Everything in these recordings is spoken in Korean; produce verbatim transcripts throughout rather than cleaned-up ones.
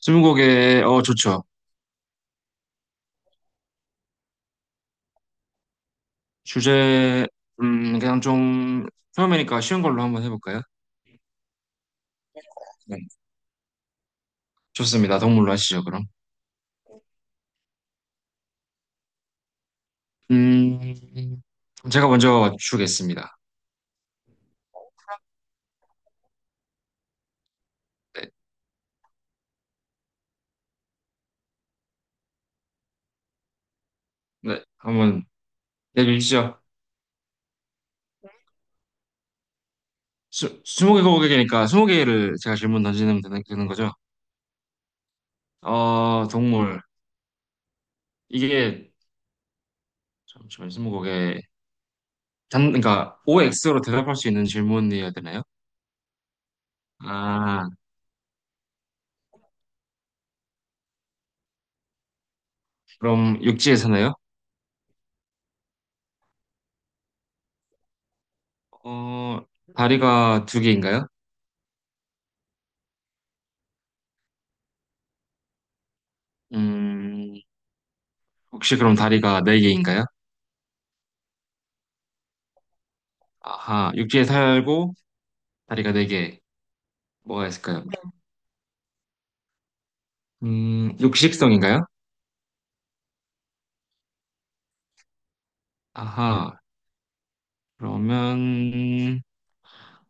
스무고개, 어, 좋죠. 주제, 음, 그냥 좀, 처음이니까 쉬운 걸로 한번 해볼까요? 네. 좋습니다. 동물로 하시죠, 그럼. 음, 제가 먼저 주겠습니다. 네, 네, 한번 내주시죠. 스, 스무 개 고객이니까 스무 개를 제가 질문 던지면 되는, 되는 거죠? 어, 동물. 이게, 잠시만요, 스무 고개. 단, 그러니까, 오엑스로 대답할 수 있는 질문이어야 되나요? 아, 그럼 육지에 사나요? 어, 다리가 두 개인가요? 음, 혹시 그럼 다리가 네개인가요? 아하, 육지에 살고 다리가 네개. 뭐가 있을까요? 음, 육식성인가요? 아하, 그러면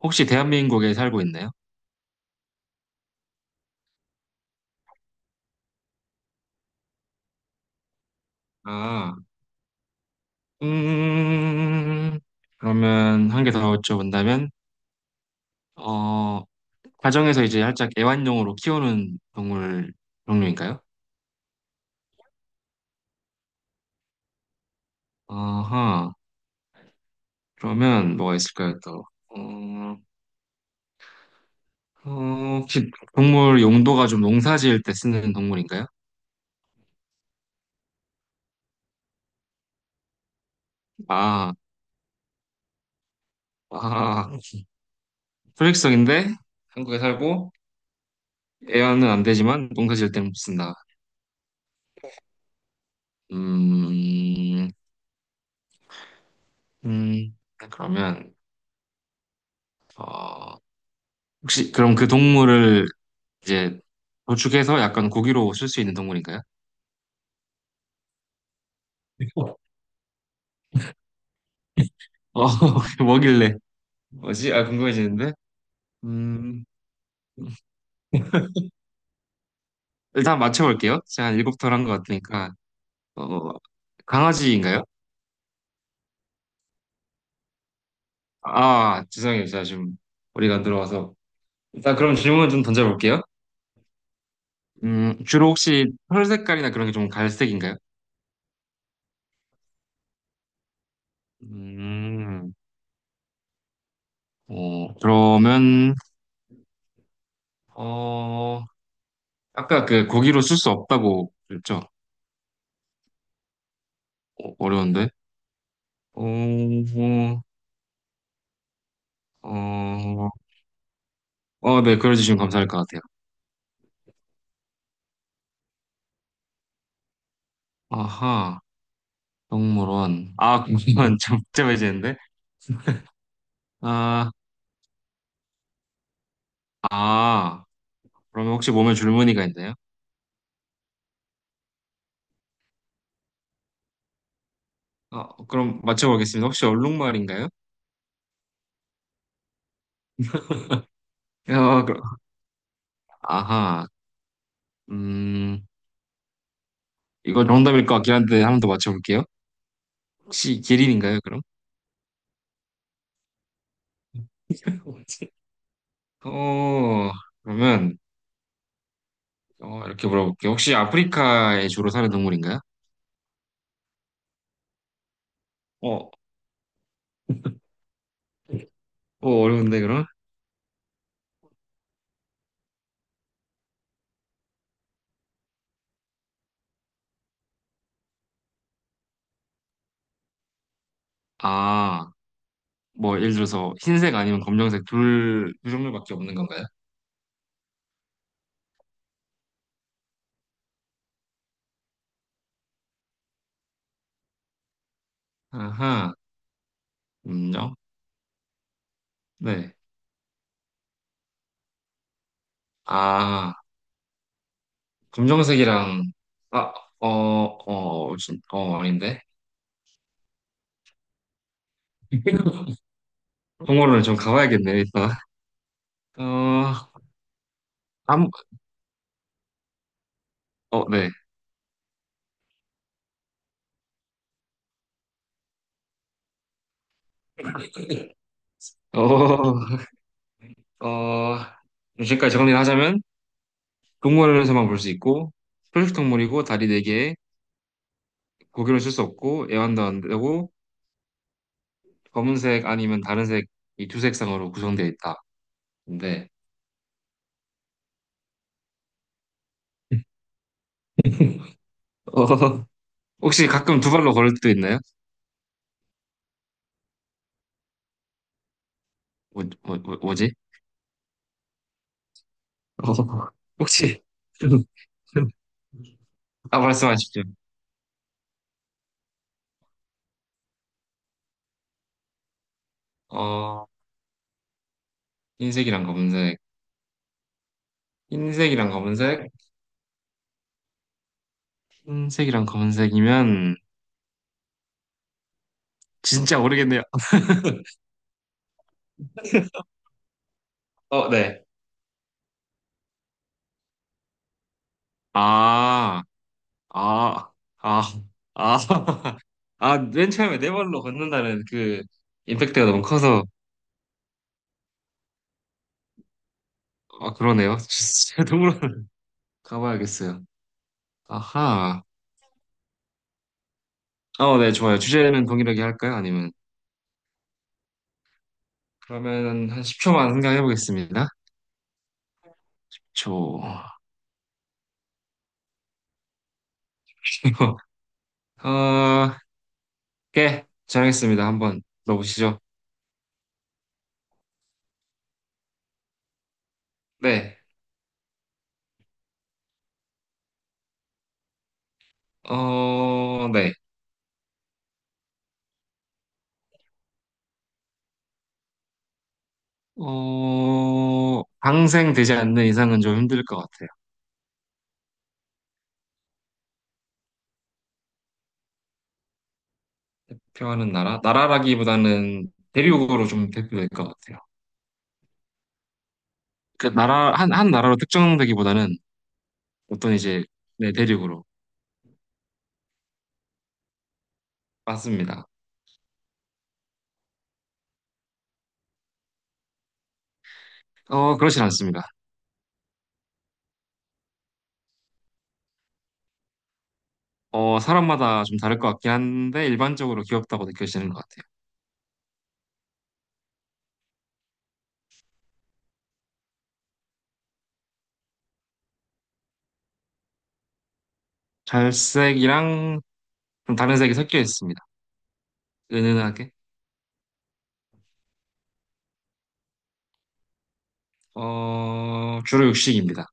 혹시 대한민국에 살고 있나요? 아, 음, 그러면 한 개 더 여쭤본다면, 어, 가정에서 이제 살짝 애완용으로 키우는 동물 종류인가요? 아하, 그러면 뭐가 있을까요, 또? 어, 어, 혹시 동물 용도가 좀 농사 지을 때 쓰는 동물인가요? 아, 아, 소액성인데 한국에 살고 애완은 안 되지만 농사 지을 때는 못 쓴다. 음, 음, 그러면 어, 혹시 그럼 그 동물을 이제 도축해서 약간 고기로 쓸 수 있는 동물인가요? 어, 뭐길래? 뭐지? 아, 궁금해지는데? 음, 일단 맞춰볼게요. 제가 한 일곱 털한 것 같으니까. 어, 강아지인가요? 아, 죄송해요. 제가 지금 머리가 안 들어와서. 일단 그럼 질문을 좀 던져볼게요. 음, 주로 혹시 털 색깔이나 그런 게 좀 갈색인가요? 음, 어, 그러면, 어, 아까 그 고기로 쓸 수 없다고 그랬죠? 어, 어려운데? 어, 어, 어, 네, 그려주시면 감사할 것 같아요. 아하, 동물원. 아, 동물원 좀 복잡해지는데? 아, 아, 그러면 혹시 몸에 줄무늬가 있나요? 아, 그럼 맞춰보겠습니다. 혹시 얼룩말인가요? 어, 그- 아하, 음, 이거 정답일 것 같긴 한데 한 번 더 맞춰볼게요. 혹시 기린인가요, 그럼? 뭐지? 어, 그러면 어, 이렇게 물어볼게요. 혹시 아프리카에 주로 사는 동물인가요? 어, 어, 어려운데 그럼? 아, 뭐 예를 들어서 흰색 아니면 검정색 둘, 두 종류밖에 없는 건가요? 아하, 음요? 네. 아, 검정색이랑 아, 어, 어, 진- 어, 아닌데? 동물원을 좀 가봐야겠네, 일단. 어, 한, 어, 네. 어, 어, 지금까지 정리를 하자면, 동물원에서만 볼 수 있고, 초식 동물이고, 다리 네개에 고기를 쓸 수 없고, 애완도 안 되고, 검은색 아니면 다른 색, 이 두 색상으로 구성되어 있다. 근데, 어, 혹시 가끔 두 발로 걸을 때도 있나요? 뭐, 뭐, 뭐- 뭐지? 어, 혹시, 아, 말씀하십시오. 어, 흰색이랑 검은색. 흰색이랑 검은색? 흰색이랑 검은색이면, 진짜 모르겠네요. 어, 네. 아, 아, 아, 아, 아, 맨 처음에 네 발로 걷는다는 그 임팩트가 너무 커서, 아, 그러네요. 진짜 동물원 가봐야겠어요. 아하. 어, 네, 좋아요. 주제는 동일하게 할까요? 아니면, 그러면 한 십 초만 생각해보겠습니다. 초. 어, 예, 정했습니다. 한번 넣어보시죠. 네, 어, 네. 어, 방생되지 않는 이상은 좀 힘들 것 같아요. 대표하는 나라? 나라라기보다는 대륙으로 좀 대표될 것 같아요. 그 나라, 한, 한 나라로 특정되기보다는 어떤 이제, 네, 대륙으로. 맞습니다. 어, 그렇진 않습니다. 어, 사람마다 좀 다를 것 같긴 한데, 일반적으로 귀엽다고 느껴지는 것 같아요. 갈색이랑 좀 다른 색이 섞여 있습니다. 은은하게. 어, 주로 육식입니다.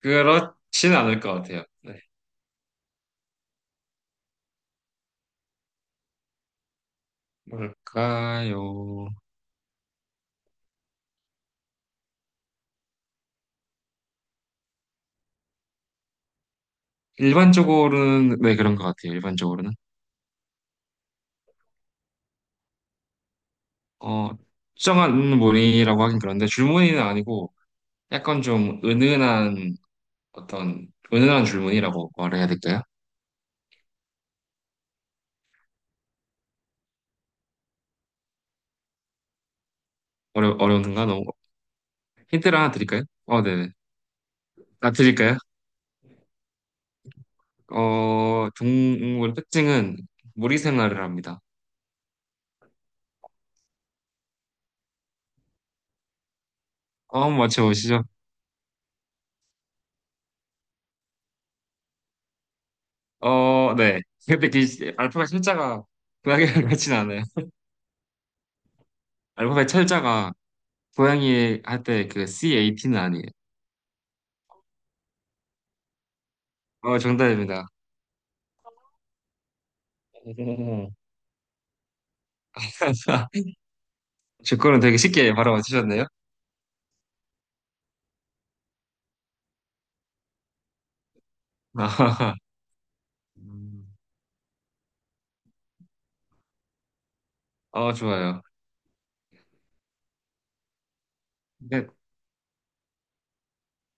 그렇진 않을 것 같아요. 네. 뭘까요? 일반적으로는, 네, 그런 것 같아요. 일반적으로는. 어, 특정한 무늬라고 하긴 그런데 줄무늬는 아니고 약간 좀 은은한 어떤 은은한 줄무늬라고 말해야 될까요? 어려, 어려운가? 너무 힌트를 하나 드릴까요? 어, 네네. 아, 드릴까요? 어, 동물 특징은 무리 생활을 합니다. 어, 한번 맞춰보시죠. 어, 네. 근데 그 알파벳 철자가 고양이랑 같진 않아요. 알파벳 철자가 고양이 할 때 그 캣은 아니에요. 어, 정답입니다. 오. 제 거는 되게 쉽게 바로 맞추셨네요. 아, 어, 좋아요. 근데